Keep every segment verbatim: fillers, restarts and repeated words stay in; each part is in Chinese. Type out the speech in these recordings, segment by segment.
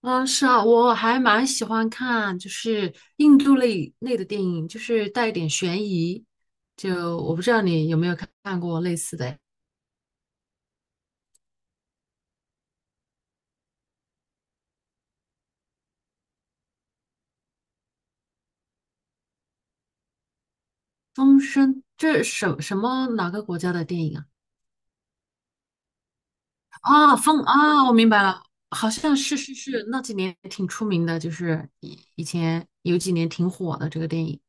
啊，是啊，我还蛮喜欢看，就是印度类类的电影，就是带一点悬疑。就我不知道你有没有看看过类似的诶。《风声》，这是什什么哪个国家的电影啊？啊，风啊，我明白了。好像是是是，那几年挺出名的，就是以以前有几年挺火的这个电影，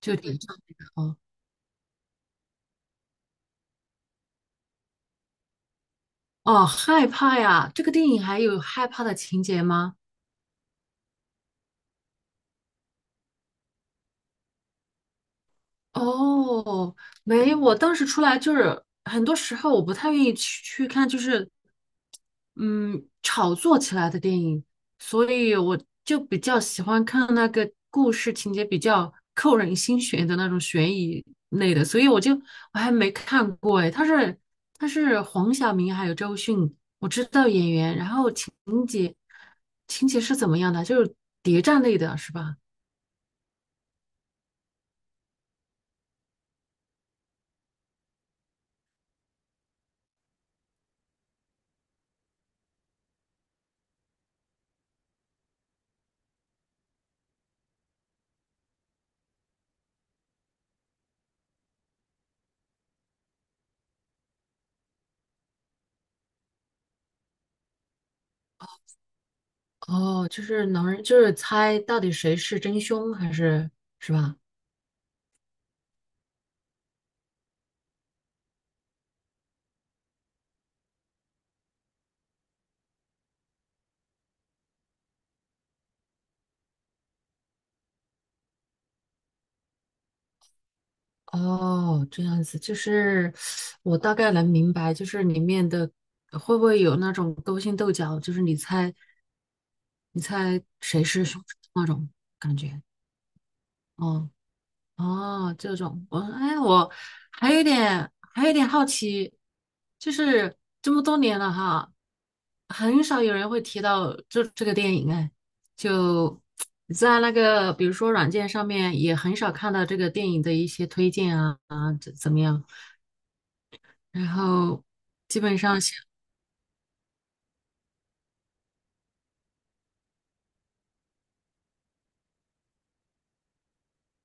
就点上那的哦。哦，害怕呀，这个电影还有害怕的情节吗？哦，没有。我当时出来就是很多时候我不太愿意去去看，就是嗯炒作起来的电影，所以我就比较喜欢看那个故事情节比较扣人心弦的那种悬疑类的，所以我就我还没看过哎。他是他是黄晓明还有周迅，我知道演员，然后情节情节是怎么样的，就是谍战类的是吧？哦，就是能就是猜到底谁是真凶还是，是吧？哦，这样子，就是我大概能明白，就是里面的会不会有那种勾心斗角，就是你猜你猜谁是凶手那种感觉。哦哦，这种，我哎，我还有一点，还有一点好奇，就是这么多年了哈，很少有人会提到这这个电影哎，就在那个比如说软件上面也很少看到这个电影的一些推荐啊啊怎怎么样，然后基本上是，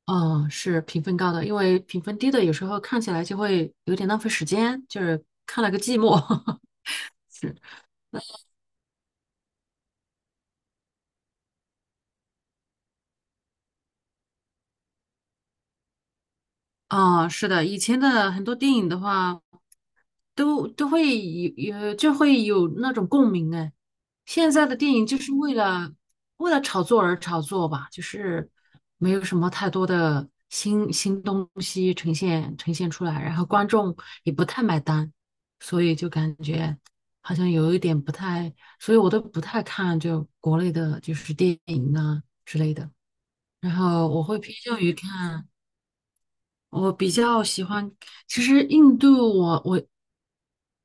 哦，是评分高的，因为评分低的有时候看起来就会有点浪费时间，就是看了个寂寞。是啊，是的，以前的很多电影的话，都都会有有就会有那种共鸣哎。现在的电影就是为了为了炒作而炒作吧，就是没有什么太多的新新东西呈现呈现出来，然后观众也不太买单，所以就感觉好像有一点不太，所以我都不太看就国内的就是电影啊之类的。然后我会偏向于看。我比较喜欢，其实印度我，我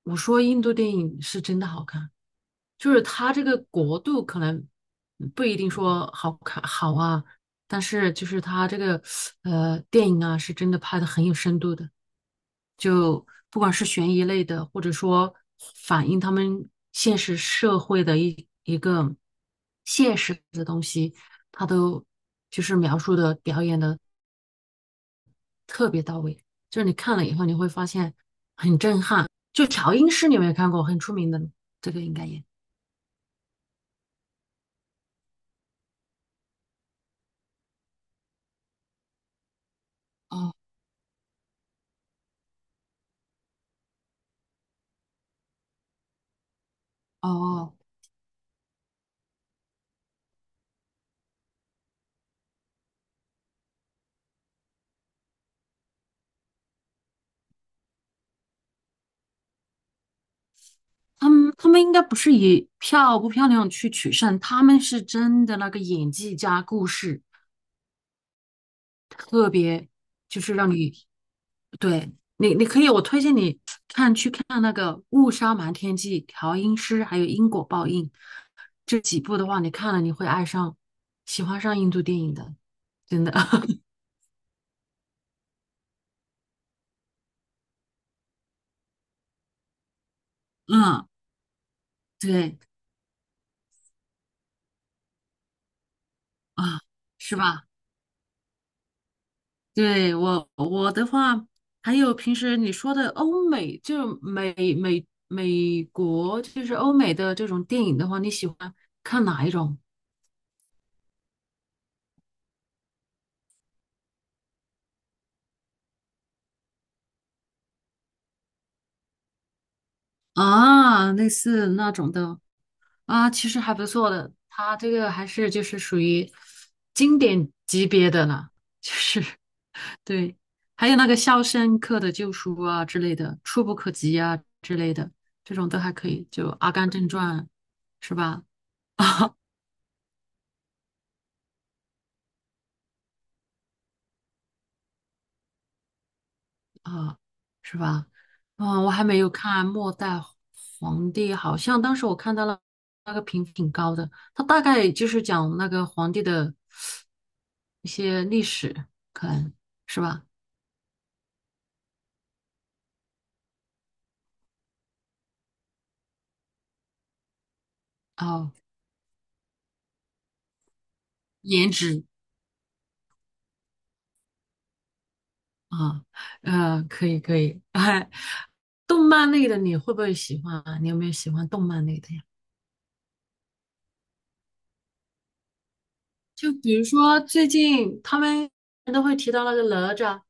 我说印度电影是真的好看，就是它这个国度可能不一定说好看好啊，但是就是它这个呃电影啊，是真的拍的很有深度的，就不管是悬疑类的，或者说反映他们现实社会的一一个现实的东西，它都就是描述的表演的。特别到位，就是你看了以后你会发现很震撼。就调音师，你有没有看过？很出名的，这个应该也。哦哦，他们他们应该不是以漂不漂亮去取胜，他们是真的那个演技加故事，特别就是让你，对你，你可以我推荐你看去看那个《误杀瞒天记》《调音师》还有《因果报应》。这几部的话，你看了你会爱上，喜欢上印度电影的，真的。嗯，对，啊，是吧？对，我我的话，还有平时你说的欧美，就美美美国，就是欧美的这种电影的话，你喜欢看哪一种啊？类似那种的啊，其实还不错的，它这个还是就是属于经典级别的了，就是 对，还有那个《肖申克的救赎》啊之类的，《触不可及》啊之类的，这种都还可以，就《阿甘正传》是吧？啊。啊，是吧？啊，我还没有看《末代皇帝》，好像当时我看到了那个评分挺高的，它大概就是讲那个皇帝的一些历史，可能是吧？哦，颜值啊。呃，可以可以。哎，动漫类的你会不会喜欢啊？你有没有喜欢动漫类的呀？就比如说最近他们都会提到那个哪吒。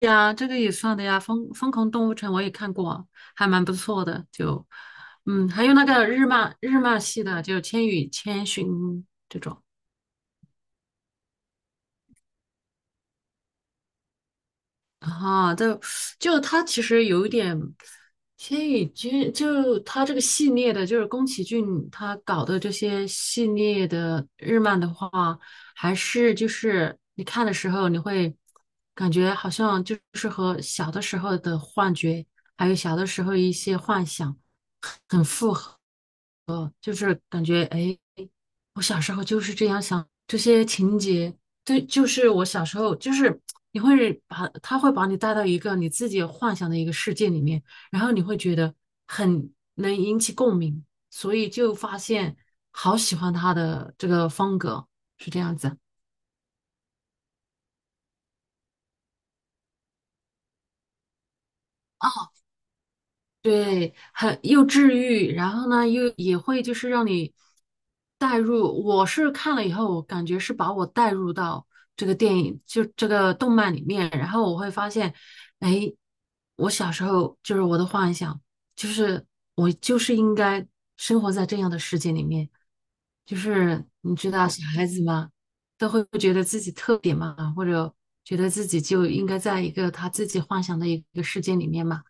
呀，这个也算的呀，疯疯狂动物城我也看过，还蛮不错的。就，嗯，还有那个日漫日漫系的，就《千与千寻》。啊，就就他其实有一点千与君，就他这个系列的，就是宫崎骏他搞的这些系列的日漫的话，还是就是你看的时候，你会感觉好像就是和小的时候的幻觉，还有小的时候一些幻想。很符合。就是感觉哎，我小时候就是这样想这些情节。对，就是我小时候就是你会把他会把你带到一个你自己幻想的一个世界里面，然后你会觉得很能引起共鸣，所以就发现好喜欢他的这个风格，是这样子。对，很又治愈，然后呢，又也会就是让你带入。我是看了以后，我感觉是把我带入到这个电影，就这个动漫里面，然后我会发现，哎，我小时候就是我的幻想，就是我就是应该生活在这样的世界里面。就是你知道，小孩子嘛，都会觉得自己特别嘛，或者觉得自己就应该在一个他自己幻想的一个世界里面嘛。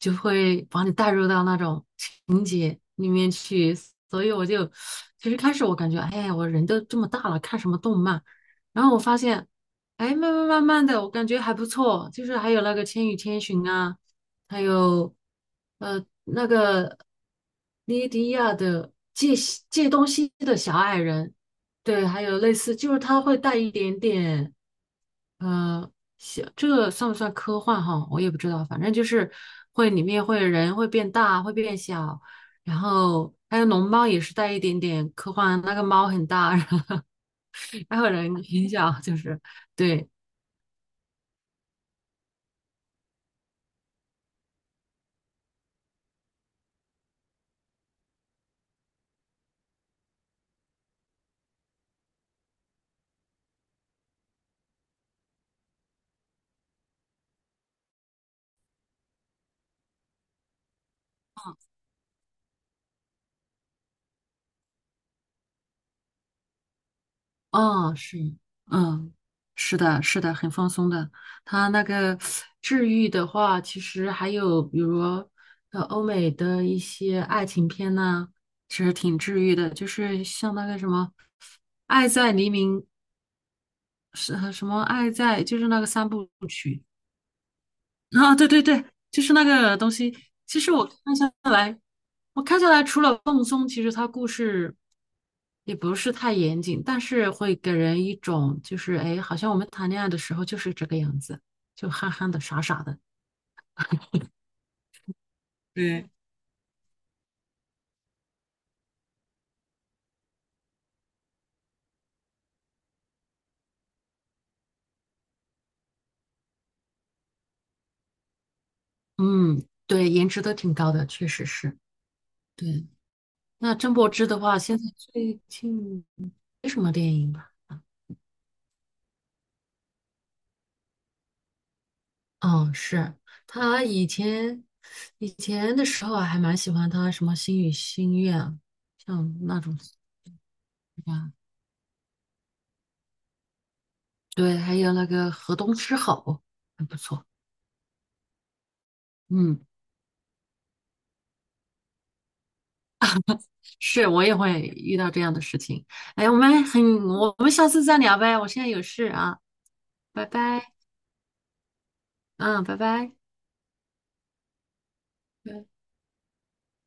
就会把你带入到那种情节里面去，所以我就其实开始我感觉，哎，我人都这么大了，看什么动漫？然后我发现，哎，慢慢慢慢的，我感觉还不错，就是还有那个《千与千寻》啊，还有呃那个莉迪亚的借借东西的小矮人。对，还有类似，就是他会带一点点。嗯，呃行，这个算不算科幻哈？我也不知道，反正就是会里面会人会变大，会变小，然后还有龙猫也是带一点点科幻，那个猫很大，然后还有人很小，就是对。哦，是，嗯，是的，是的，很放松的。它那个治愈的话，其实还有比如呃欧美的一些爱情片呐、其实挺治愈的，就是像那个什么，《爱在黎明》，是呃什么爱在，就是那个三部曲。啊，对对对，就是那个东西。其实我看下来，我看下来除了放松，其实它故事也不是太严谨，但是会给人一种就是哎，好像我们谈恋爱的时候就是这个样子，就憨憨的、傻傻的。对。嗯，对，颜值都挺高的，确实是。对，那郑柏芝的话，现在最近没什么电影吧？嗯，是他以前以前的时候啊还蛮喜欢他什么《星语心愿》，像那种啊。对，还有那个河东狮吼，很不错。嗯，是我也会遇到这样的事情。哎，我们很，我们下次再聊呗，我现在有事啊，拜拜。嗯，拜拜。对。